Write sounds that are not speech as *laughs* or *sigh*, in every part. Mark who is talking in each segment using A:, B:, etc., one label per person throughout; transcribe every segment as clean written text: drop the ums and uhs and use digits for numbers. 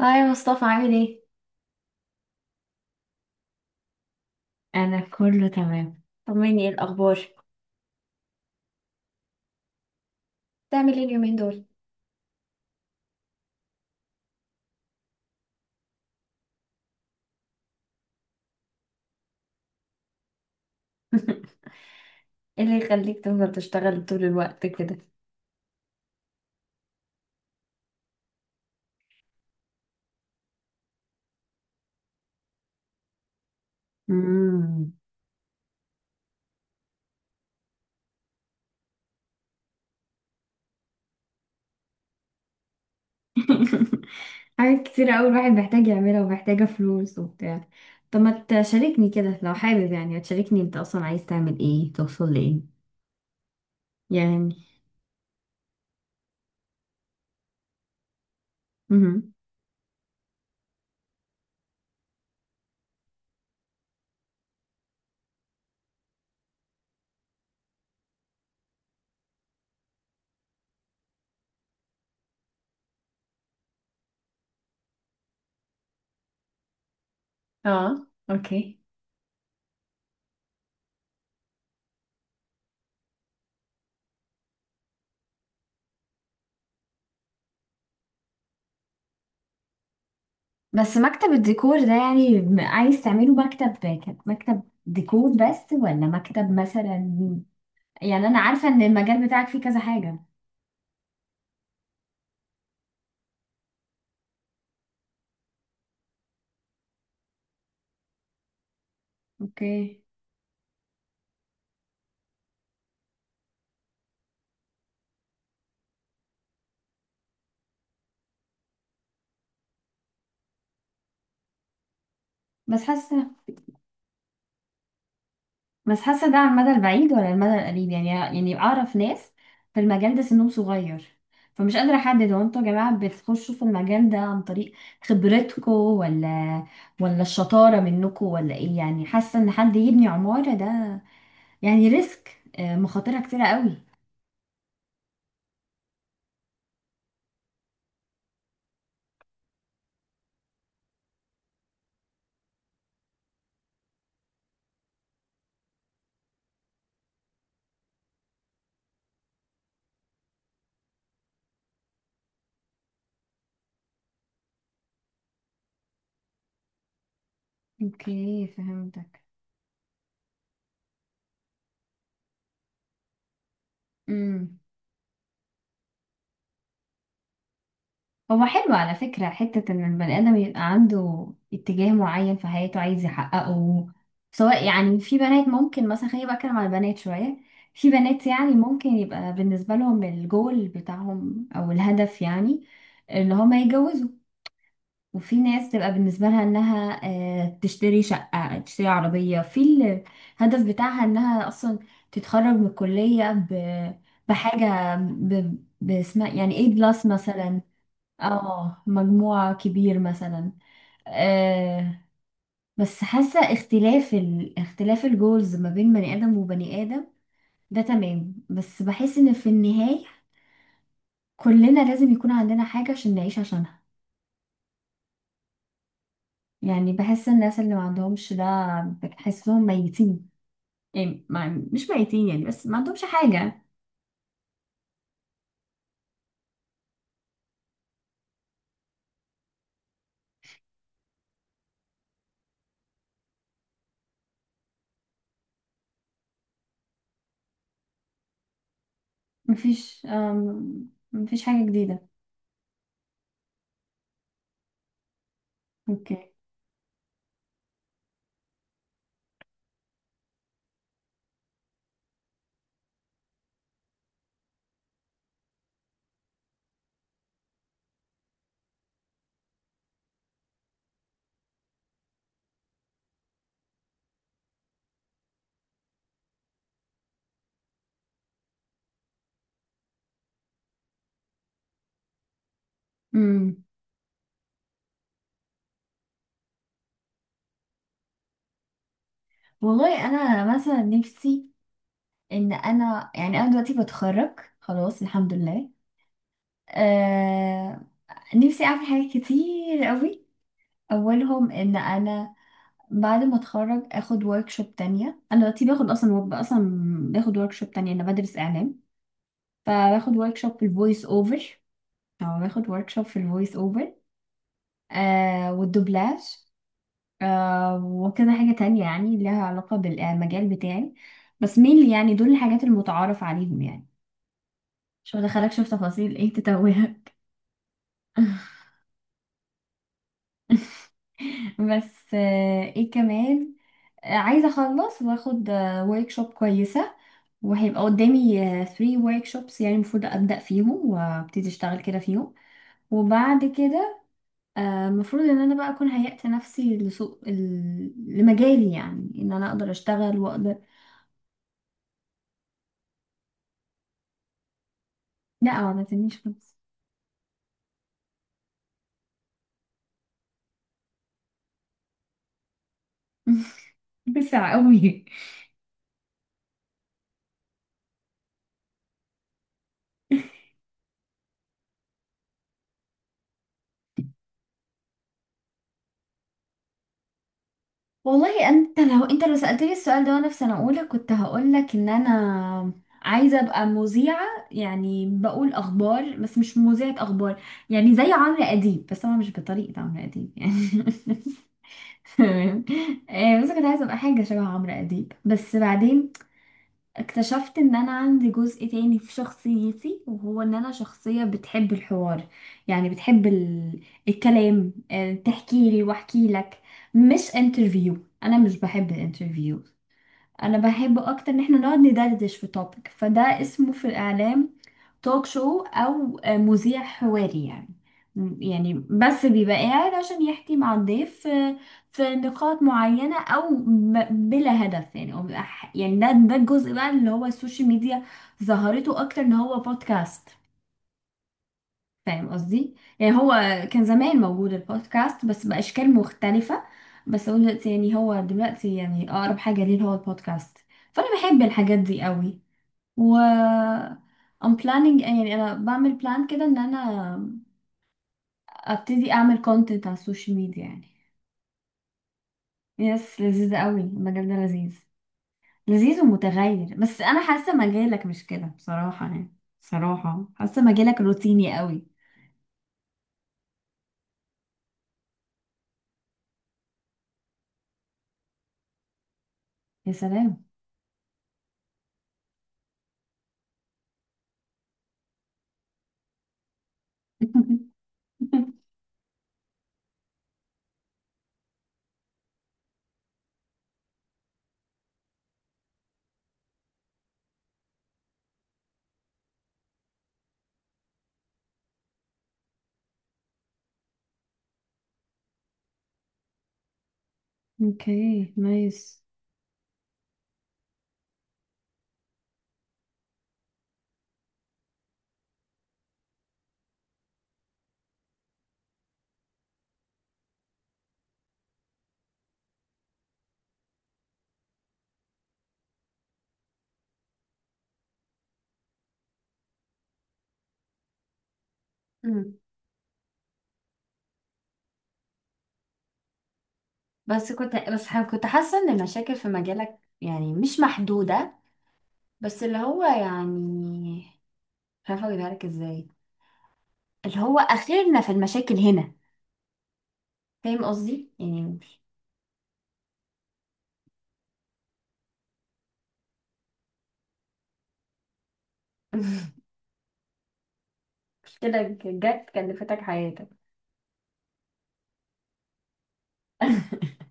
A: هاي يا مصطفى، عامل ايه؟ انا كله تمام، طمني، ايه الأخبار؟ بتعمل ايه اليومين دول؟ *laughs* ايه اللي يخليك تفضل تشتغل طول الوقت كده؟ مم. *laughs* حاجات كتير قوي الواحد محتاج يعملها ومحتاجة فلوس وبتاع. طب ما تشاركني كده لو حابب، يعني تشاركني انت اصلا عايز تعمل ايه، توصل لايه؟ يعني مهم. اه اوكي. بس مكتب الديكور ده يعني عايز تعمله مكتب مكتب ديكور بس، ولا مكتب مثلا؟ يعني انا عارفه ان المجال بتاعك فيه كذا حاجه. اوكي. بس حاسه بس حاسه ده على المدى البعيد ولا المدى القريب؟ يعني يعني اعرف ناس في المجال ده سنهم صغير. فمش قادره احدد، هو انتوا يا جماعه بتخشوا في المجال ده عن طريق خبرتكم ولا الشطاره منكم، ولا ايه؟ يعني حاسه ان حد يبني عماره ده يعني ريسك، مخاطرها كتيره قوي. اوكي فهمتك. امم. هو حلو على فكرة حتة إن البني آدم يبقى عنده اتجاه معين في حياته عايز يحققه. سواء يعني في بنات، ممكن مثلا خليني بقى أتكلم على البنات شوية. في بنات يعني ممكن يبقى بالنسبة لهم الجول بتاعهم أو الهدف، يعني إن هما يتجوزوا. وفي ناس تبقى بالنسبة لها إنها تشتري شقة، تشتري عربية. في الهدف بتاعها إنها أصلا تتخرج من الكلية بحاجة باسمها، يعني A بلس مثلا. اه مجموعة كبير مثلا. آه. بس حاسة اختلاف اختلاف الجولز ما بين بني آدم وبني آدم ده تمام. بس بحس ان في النهاية كلنا لازم يكون عندنا حاجة عشان نعيش عشانها. يعني بحس الناس اللي ما عندهمش ده بحسهم ميتين. يعني ما... مش ميتين يعني، بس ما عندهمش حاجة. مفيش حاجة جديدة. اوكي. امم. والله انا مثلا نفسي ان انا، يعني انا دلوقتي بتخرج خلاص الحمد لله. آه. نفسي اعمل حاجات كتير قوي. اولهم ان انا بعد ما اتخرج اخد وركشوب تانية. انا دلوقتي باخد اصلا باخد وركشوب تانية، انا بدرس اعلام. فباخد وركشوب في الفويس اوفر. او باخد وركشوب في الفويس اوفر، والدوبلاج. وكذا حاجة تانية يعني لها علاقة بالمجال بتاعي. بس مين، يعني دول الحاجات المتعارف عليهم يعني. مش هدخلك شوف تفاصيل ايه تتوه. *laughs* بس ايه كمان، عايزة اخلص واخد ورك شوب كويسة، وهيبقى قدامي 3 ورك شوبس يعني المفروض ابدأ فيهم وابتدي اشتغل كده فيهم. وبعد كده المفروض ان انا بقى اكون هيأت نفسي لسوق لمجالي، يعني ان انا اقدر اشتغل واقدر. لا ما تنيش خالص. *laughs* بسرعة قوي. والله انت لو، انت لو سألتني السؤال ده وانا في سنة اولى كنت هقولك ان انا عايزة ابقى مذيعة، يعني بقول اخبار بس مش مذيعة اخبار. يعني زي عمرو اديب بس انا مش بطريقة عمرو اديب يعني. *laughs* تمام. بس كنت عايزة ابقى حاجة شبه عمرو اديب، بس بعدين اكتشفت ان انا عندي جزء تاني في شخصيتي، وهو ان انا شخصية بتحب الحوار. يعني بتحب الكلام، تحكي لي واحكي لك، مش انترفيو. انا مش بحب الانترفيو. انا بحب اكتر ان احنا نقعد ندردش في توبيك. فده اسمه في الاعلام توك شو، او مذيع حواري يعني. يعني بس بيبقى قاعد عشان يحكي مع الضيف، في نقاط معينة أو بلا هدف، يعني أو بيبقى يعني ده الجزء بقى اللي هو السوشيال ميديا ظهرته أكتر إن هو بودكاست. فاهم قصدي يعني. هو كان زمان موجود البودكاست بس بأشكال مختلفة. بس هو دلوقتي، يعني هو دلوقتي يعني أقرب حاجة ليه هو البودكاست. فأنا بحب الحاجات دي قوي. و I'm planning يعني أنا بعمل بلان كده إن أنا أبتدي أعمل content على السوشيال ميديا يعني. يس، لذيذة قوي المجال ده، لذيذ. لذيذ ومتغير، بس أنا حاسة مجالك مش كده بصراحة يعني. بصراحة حاسة مجالك روتيني قوي. يا سلام. *laughs* اوكي نايس. مم. بس كنت بس ح- كنت حاسة ان المشاكل في مجالك يعني مش محدودة، بس اللي هو يعني، مش عارفة اجيبها لك ازاي، اللي هو اخرنا في المشاكل هنا. فاهم قصدي، يعني *laughs* مشكلة جت كلفتك حياتك. *laughs*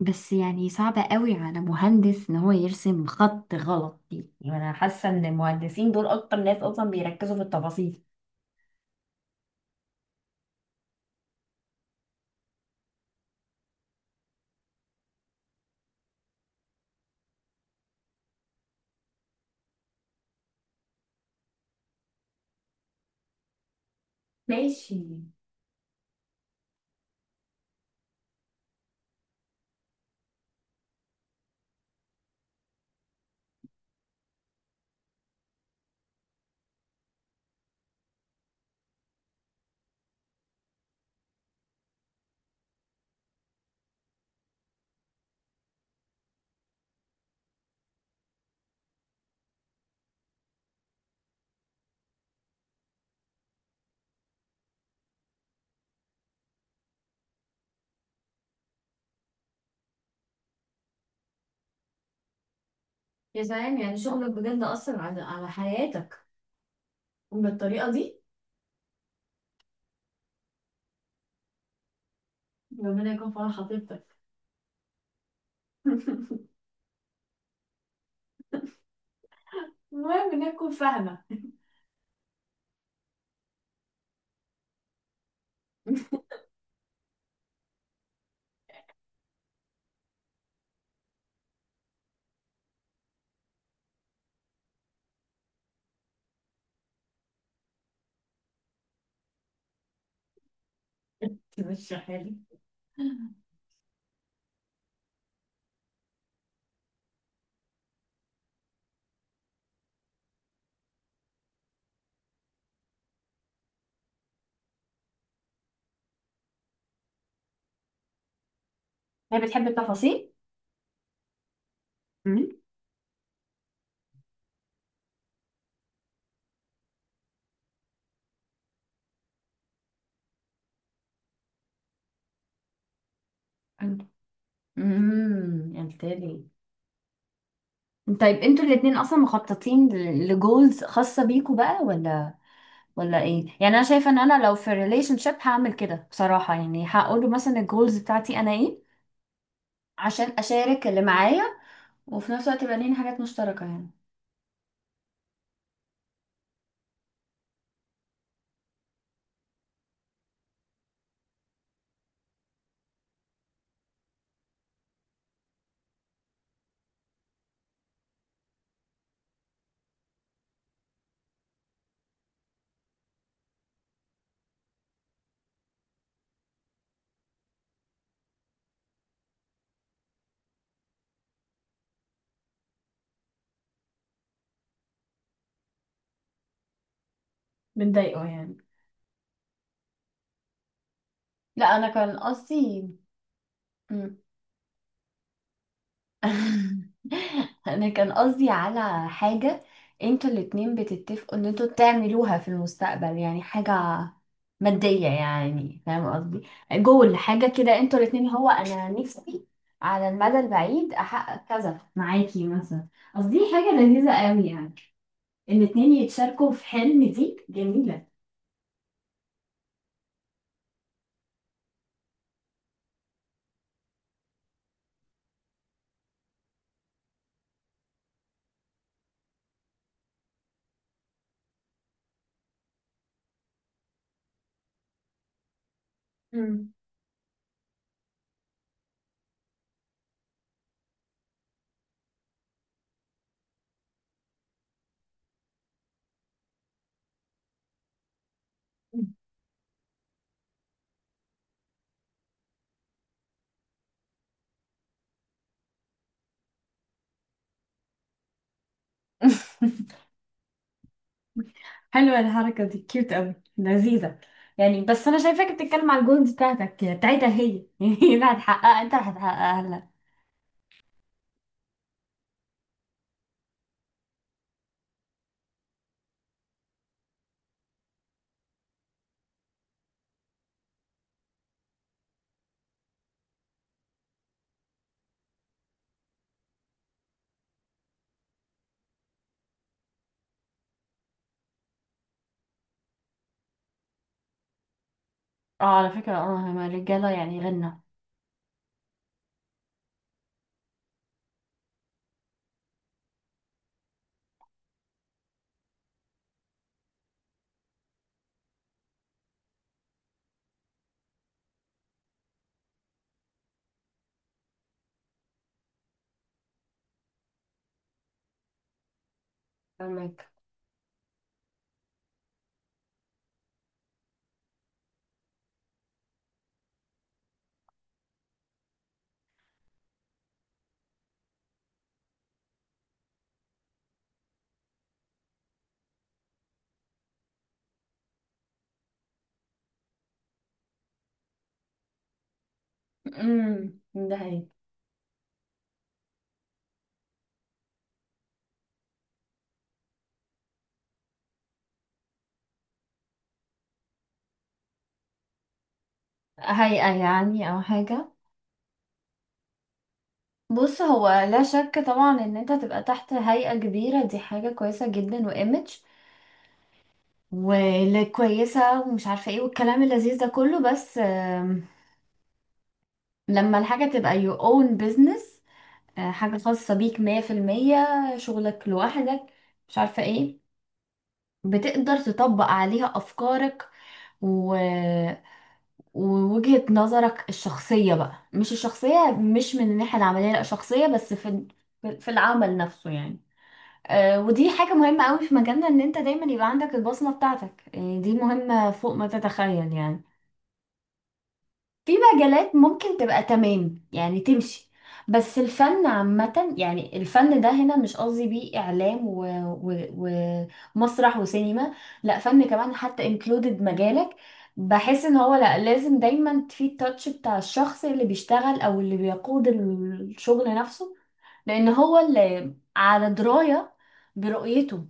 A: بس يعني صعبة قوي على مهندس ان هو يرسم خط غلط دي. يعني انا حاسة ان المهندسين دول اكتر ناس اصلا بيركزوا في التفاصيل. ماشي. يا سلام، يعني شغلك بجد أثر على على حياتك بالطريقة دي. ربنا يكون في عون خطيبتك. فاهمة. *laughs* مش حلو. هي بتحب التفاصيل. مم. انت. امم، قلت لي، طيب انتوا الاتنين اصلا مخططين لجولز خاصة بيكوا بقى، ولا ولا ايه؟ يعني انا شايفة ان انا لو في ريليشن شيب هعمل كده بصراحة، يعني هقول له مثلا الجولز بتاعتي انا ايه، عشان اشارك اللي معايا، وفي نفس الوقت يبقى لينا حاجات مشتركة يعني. بتضايقه يعني. لا انا كان قصدي. *laughs* انا كان قصدي على حاجة، انتوا الاتنين بتتفقوا ان انتوا تعملوها في المستقبل، يعني حاجة مادية يعني، فاهم قصدي؟ جول، حاجة كده انتوا الاتنين، هو انا نفسي على المدى البعيد احقق كذا معاكي مثلا. قصدي حاجة لذيذة قوي يعني، الاتنين يتشاركوا في حلم، دي جميلة. مم. *laughs* حلوة الحركة دي، كيوت قوي، لذيذة. يعني بس أنا شايفاك بتتكلم على الجولز بتاعتك بتاعتها هي. *laughs* يعني هي اللي هتحققها، أنت اللي هتحققها لها. اه على فكرة اه هما الرجالة يعني غنى. فاهمك. امم. ده هي هيئة يعني، أو حاجة؟ بص، هو لا شك طبعا ان انت تبقى تحت هيئة كبيرة دي حاجة كويسة جدا وايمج وكويسة ومش عارفة ايه والكلام اللذيذ ده كله. بس لما الحاجة تبقى your own business، حاجة خاصة بيك مية في المية، شغلك لوحدك، مش عارفة ايه، بتقدر تطبق عليها أفكارك، و... ووجهة نظرك الشخصية بقى، مش الشخصية مش من الناحية العملية، لأ شخصية بس في في العمل نفسه يعني. ودي حاجة مهمة قوي في مجالنا، ان انت دايما يبقى عندك البصمة بتاعتك، يعني دي مهمة فوق ما تتخيل يعني. في مجالات ممكن تبقى تمام، يعني تمشي. بس الفن عامة، يعني الفن ده هنا مش قصدي بيه إعلام و... و... ومسرح وسينما، لا فن كمان، حتى included مجالك. بحس ان هو لا، لازم دايما في التاتش بتاع الشخص اللي بيشتغل او اللي بيقود الشغل نفسه، لان هو اللي على دراية برؤيته.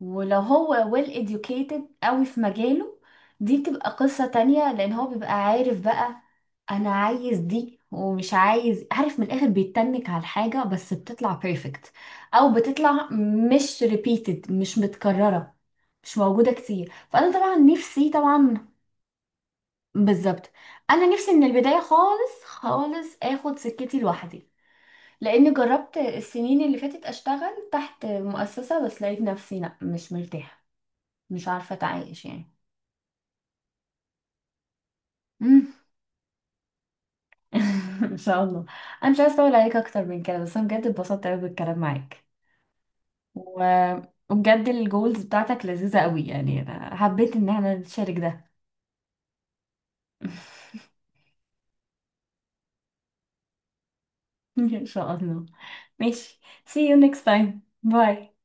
A: ولو هو well educated قوي في مجاله، دي بتبقى قصة تانية، لان هو بيبقى عارف بقى انا عايز دي ومش عايز، عارف من الاخر بيتنك على الحاجة بس بتطلع perfect، او بتطلع مش repeated، مش متكررة، مش موجودة كتير. فانا طبعا نفسي طبعا. بالظبط. انا نفسي من البداية، خالص خالص اخد سكتي لوحدي. لان جربت السنين اللي فاتت اشتغل تحت مؤسسة، بس لقيت نفسي لا مش مرتاحة، مش عارفة اتعايش يعني. مم. *laughs* ان شاء الله. انا مش عايزة اطول عليك اكتر من كده، بس انا بجد اتبسطت قوي بالكلام معاك. و... وبجد الجولز بتاعتك لذيذة قوي، يعني انا حبيت ان احنا نشارك ده. *laughs* ان شاء الله. ماشي. see you next time. bye.